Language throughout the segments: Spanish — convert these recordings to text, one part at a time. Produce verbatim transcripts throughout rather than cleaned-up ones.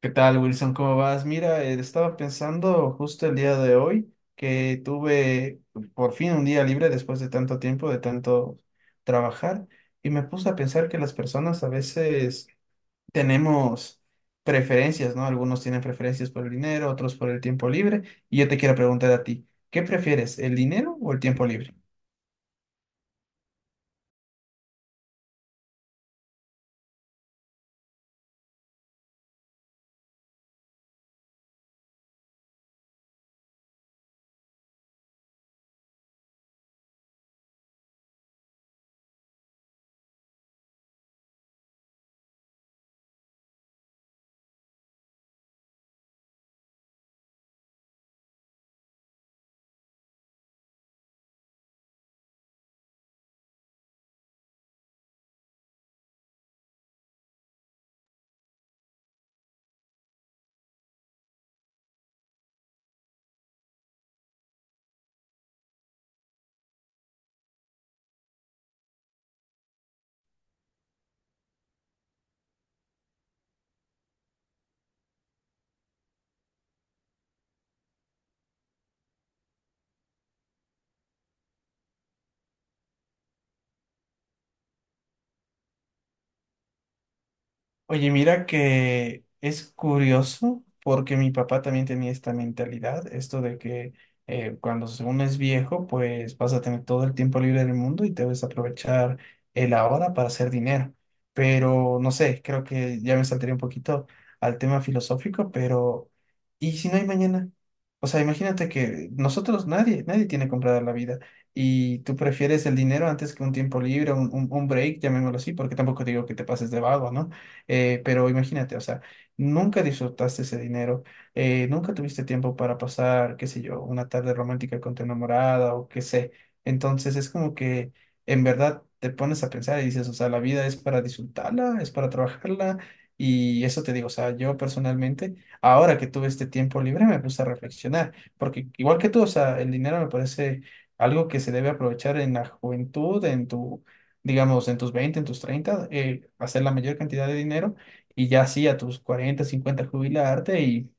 ¿Qué tal, Wilson? ¿Cómo vas? Mira, eh, estaba pensando justo el día de hoy que tuve por fin un día libre después de tanto tiempo, de tanto trabajar, y me puse a pensar que las personas a veces tenemos preferencias, ¿no? Algunos tienen preferencias por el dinero, otros por el tiempo libre, y yo te quiero preguntar a ti, ¿qué prefieres, el dinero o el tiempo libre? Oye, mira que es curioso porque mi papá también tenía esta mentalidad, esto de que eh, cuando según es viejo, pues vas a tener todo el tiempo libre del mundo y debes aprovechar el ahora para hacer dinero. Pero no sé, creo que ya me saltaría un poquito al tema filosófico, pero ¿y si no hay mañana? O sea, imagínate que nosotros nadie, nadie tiene comprada la vida y tú prefieres el dinero antes que un tiempo libre, un, un, un break, llamémoslo así, porque tampoco digo que te pases de vago, ¿no? Eh, pero imagínate, o sea, nunca disfrutaste ese dinero, eh, nunca tuviste tiempo para pasar, qué sé yo, una tarde romántica con tu enamorada o qué sé. Entonces es como que en verdad te pones a pensar y dices, o sea, la vida es para disfrutarla, es para trabajarla. Y eso te digo, o sea, yo personalmente, ahora que tuve este tiempo libre, me puse a reflexionar, porque igual que tú, o sea, el dinero me parece algo que se debe aprovechar en la juventud, en tu digamos, en tus veinte, en tus treinta, eh, hacer la mayor cantidad de dinero y ya sí, a tus cuarenta cincuenta jubilarte y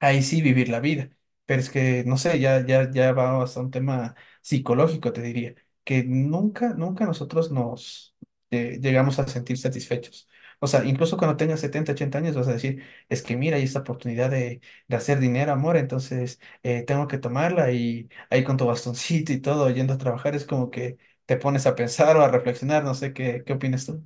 ahí sí vivir la vida. Pero es que, no sé, ya, ya, ya va hasta un tema psicológico, te diría, que nunca, nunca nosotros nos eh, llegamos a sentir satisfechos. O sea, incluso cuando tengas setenta ochenta años vas a decir, es que mira, hay esta oportunidad de, de hacer dinero, amor, entonces eh, tengo que tomarla y ahí con tu bastoncito y todo, yendo a trabajar, es como que te pones a pensar o a reflexionar, no sé qué, qué opinas tú.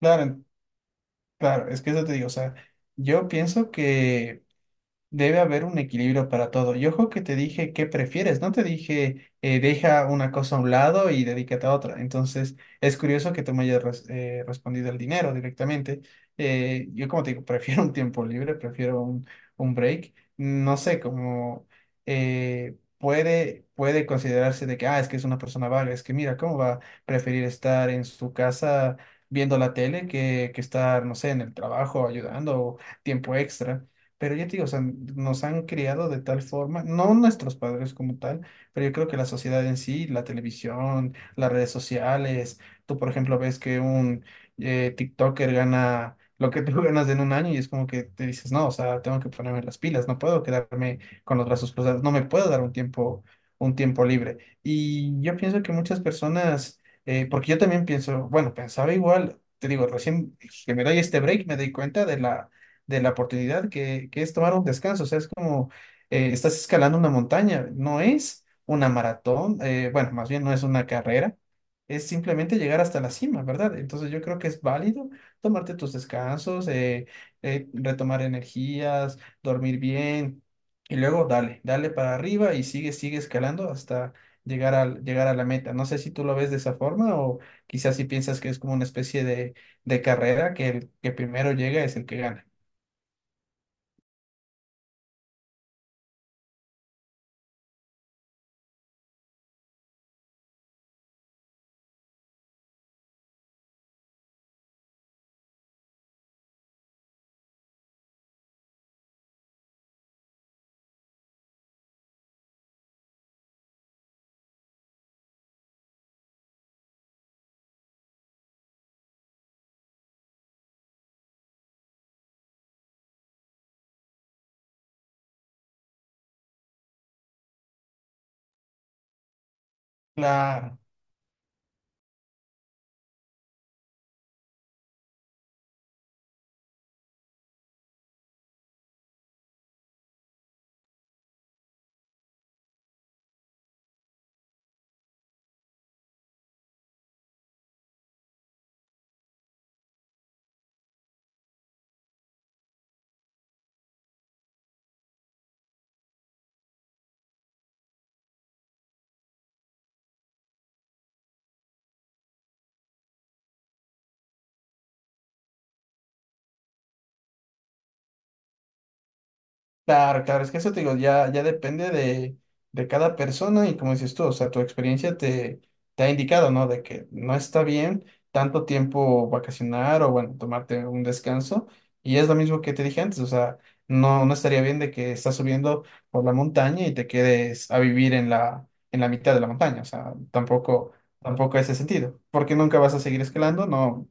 Claro, claro, es que eso te digo, o sea, yo pienso que Debe haber un equilibrio para todo. Y ojo que te dije qué prefieres, no te dije eh, deja una cosa a un lado y dedícate a otra. Entonces, es curioso que tú me hayas res- eh, respondido el dinero directamente. Eh, yo, como te digo, prefiero un tiempo libre, prefiero un, un break. No sé, como eh, puede, puede considerarse de que, ah, es que es una persona vaga, es que mira, ¿cómo va a preferir estar en su casa viendo la tele que, que estar, no sé, en el trabajo ayudando o tiempo extra? Pero yo te digo, o sea, nos han criado de tal forma, no nuestros padres como tal, pero yo creo que la sociedad en sí, la televisión, las redes sociales, tú por ejemplo ves que un eh, TikToker gana lo que tú ganas en un año y es como que te dices, no, o sea, tengo que ponerme las pilas, no puedo quedarme con los brazos cruzados, no me puedo dar un tiempo, un tiempo libre. Y yo pienso que muchas personas, eh, porque yo también pienso, bueno, pensaba igual, te digo, recién que me doy este break, me doy cuenta de la de la oportunidad que, que es tomar un descanso. O sea, es como eh, estás escalando una montaña, no es una maratón, eh, bueno, más bien no es una carrera, es simplemente llegar hasta la cima, ¿verdad? Entonces yo creo que es válido tomarte tus descansos, eh, eh, retomar energías, dormir bien y luego dale, dale para arriba y sigue, sigue escalando hasta... Llegar a, llegar a la meta. No sé si tú lo ves de esa forma o quizás si piensas que es como una especie de, de carrera, que el que primero llega es el que gana. Claro, claro, claro, es que eso te digo, ya, ya depende de, de cada persona y como dices tú, o sea, tu experiencia te, te ha indicado, ¿no? De que no está bien tanto tiempo vacacionar o, bueno, tomarte un descanso. Y es lo mismo que te dije antes, o sea, no, no estaría bien de que estás subiendo por la montaña y te quedes a vivir en la, en la mitad de la montaña, o sea, tampoco, tampoco ese sentido, porque nunca vas a seguir escalando, no,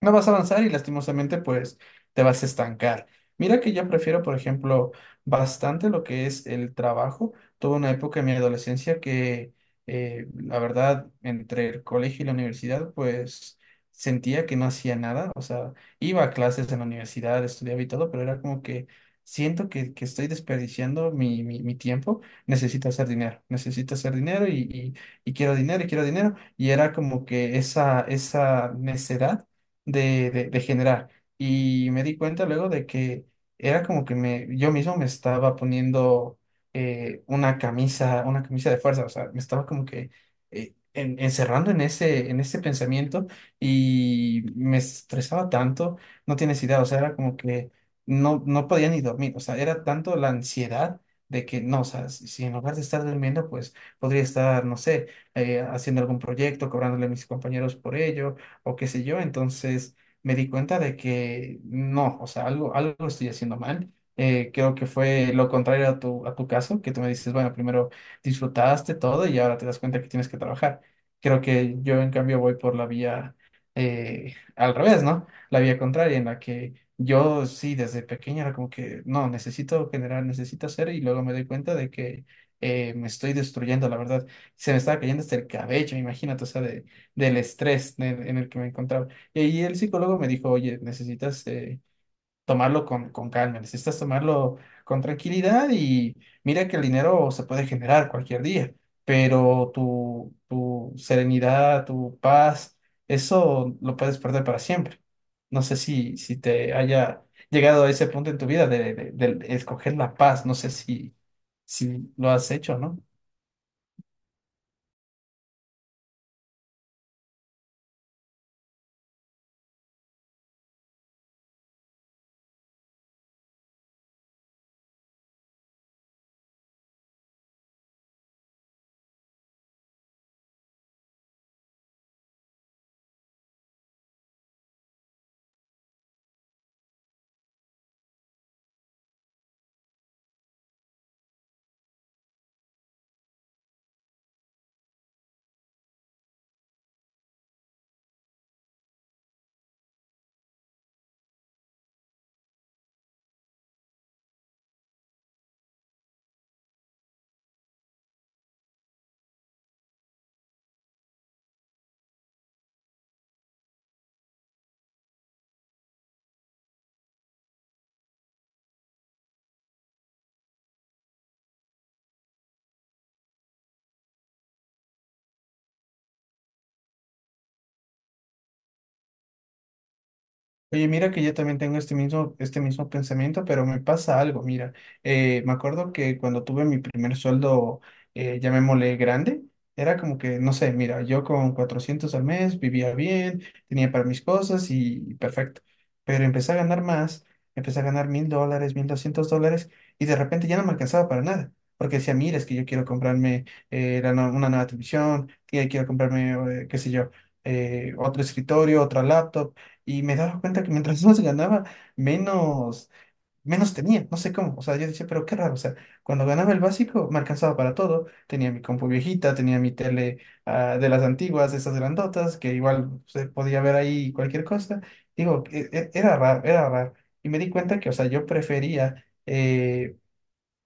No vas a avanzar y lastimosamente pues te vas a estancar. Mira que yo prefiero, por ejemplo, bastante lo que es el trabajo. Tuve una época en mi adolescencia que, eh, la verdad, entre el colegio y la universidad, pues sentía que no hacía nada. O sea, iba a clases en la universidad, estudiaba y todo, pero era como que siento que, que estoy desperdiciando mi, mi, mi tiempo. Necesito hacer dinero, necesito hacer dinero y, y, y quiero dinero y quiero dinero. Y era como que esa, esa necedad de, de, de generar. Y me di cuenta luego de que era como que me, yo mismo me estaba poniendo eh, una camisa, una camisa de fuerza, o sea, me estaba como que eh, en- encerrando en ese, en ese pensamiento y me estresaba tanto, no tienes idea, o sea, era como que no, no podía ni dormir, o sea, era tanto la ansiedad. De que no, o sea, si si en lugar de estar durmiendo, pues podría estar, no sé, eh, haciendo algún proyecto, cobrándole a mis compañeros por ello, o qué sé yo. Entonces me di cuenta de que no, o sea, algo, algo estoy haciendo mal. Eh, creo que fue lo contrario a tu, a tu caso, que tú me dices, bueno, primero disfrutaste todo y ahora te das cuenta que tienes que trabajar. Creo que yo en cambio voy por la vía eh, al revés, ¿no? La vía contraria en la que... Yo sí, desde pequeña era como que, no, necesito generar, necesito hacer, y luego me doy cuenta de que eh, me estoy destruyendo, la verdad. Se me estaba cayendo hasta el cabello, imagínate, o sea, de, del estrés en, en el que me encontraba. Y ahí el psicólogo me dijo, oye, necesitas eh, tomarlo con, con calma, necesitas tomarlo con tranquilidad y mira que el dinero se puede generar cualquier día, pero tu, tu serenidad, tu paz, eso lo puedes perder para siempre. No sé si, si te haya llegado a ese punto en tu vida de, de- de escoger la paz, no sé si, si lo has hecho, ¿no? Oye, mira que yo también tengo este mismo, este mismo pensamiento, pero me pasa algo, mira, eh, me acuerdo que cuando tuve mi primer sueldo, eh, llamémosle grande, era como que, no sé, mira, yo con cuatrocientos al mes vivía bien, tenía para mis cosas y perfecto, pero empecé a ganar más, empecé a ganar mil dólares, mil doscientos dólares y de repente ya no me alcanzaba para nada. Porque decía, mira, es que yo quiero comprarme eh, la nue- una nueva televisión, que quiero comprarme, eh, qué sé yo, eh, otro escritorio, otra laptop y me daba cuenta que mientras más ganaba, menos, menos tenía, no sé cómo. O sea, yo decía, pero qué raro. O sea, cuando ganaba el básico, me alcanzaba para todo. Tenía mi compu viejita, tenía mi tele ah, de las antiguas, de esas grandotas, que igual se podía ver ahí cualquier cosa. Digo, e- e- era raro, era raro. Y me di cuenta que, o sea, yo prefería eh,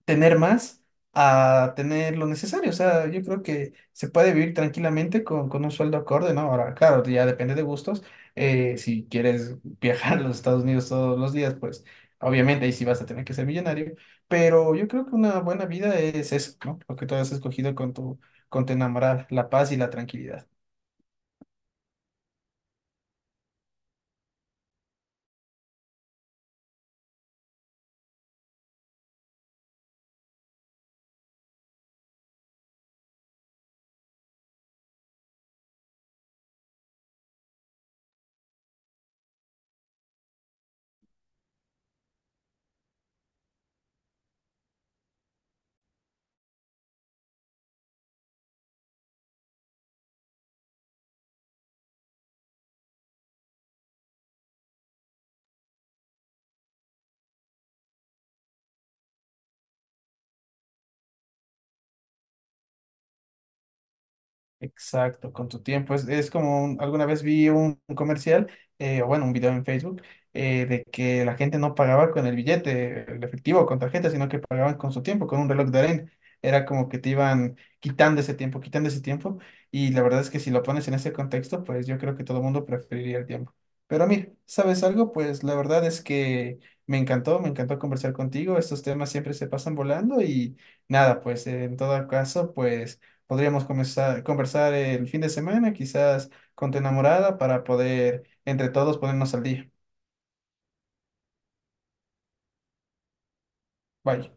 tener más a tener lo necesario. O sea, yo creo que se puede vivir tranquilamente con, con un sueldo acorde, ¿no? Ahora, claro, ya depende de gustos. Eh, si quieres viajar a los Estados Unidos todos los días, pues obviamente ahí sí vas a tener que ser millonario. Pero yo creo que una buena vida es eso, ¿no? Lo que tú has escogido con tu, con tu enamorada, la paz y la tranquilidad. Exacto, con tu tiempo. Es, es como un- alguna vez vi un, un comercial, eh, o bueno, un video en Facebook, eh, de que la gente no pagaba con el billete, el efectivo con tarjeta, sino que pagaban con su tiempo, con un reloj de arena. Era como que te iban quitando ese tiempo, quitando ese tiempo. Y la verdad es que si lo pones en ese contexto, pues yo creo que todo el mundo preferiría el tiempo. Pero mira, ¿sabes algo? Pues la verdad es que me encantó, me encantó conversar contigo. Estos temas siempre se pasan volando y nada, pues en todo caso, pues... Podríamos comenzar, conversar el fin de semana, quizás con tu enamorada, para poder entre todos ponernos al día. Bye.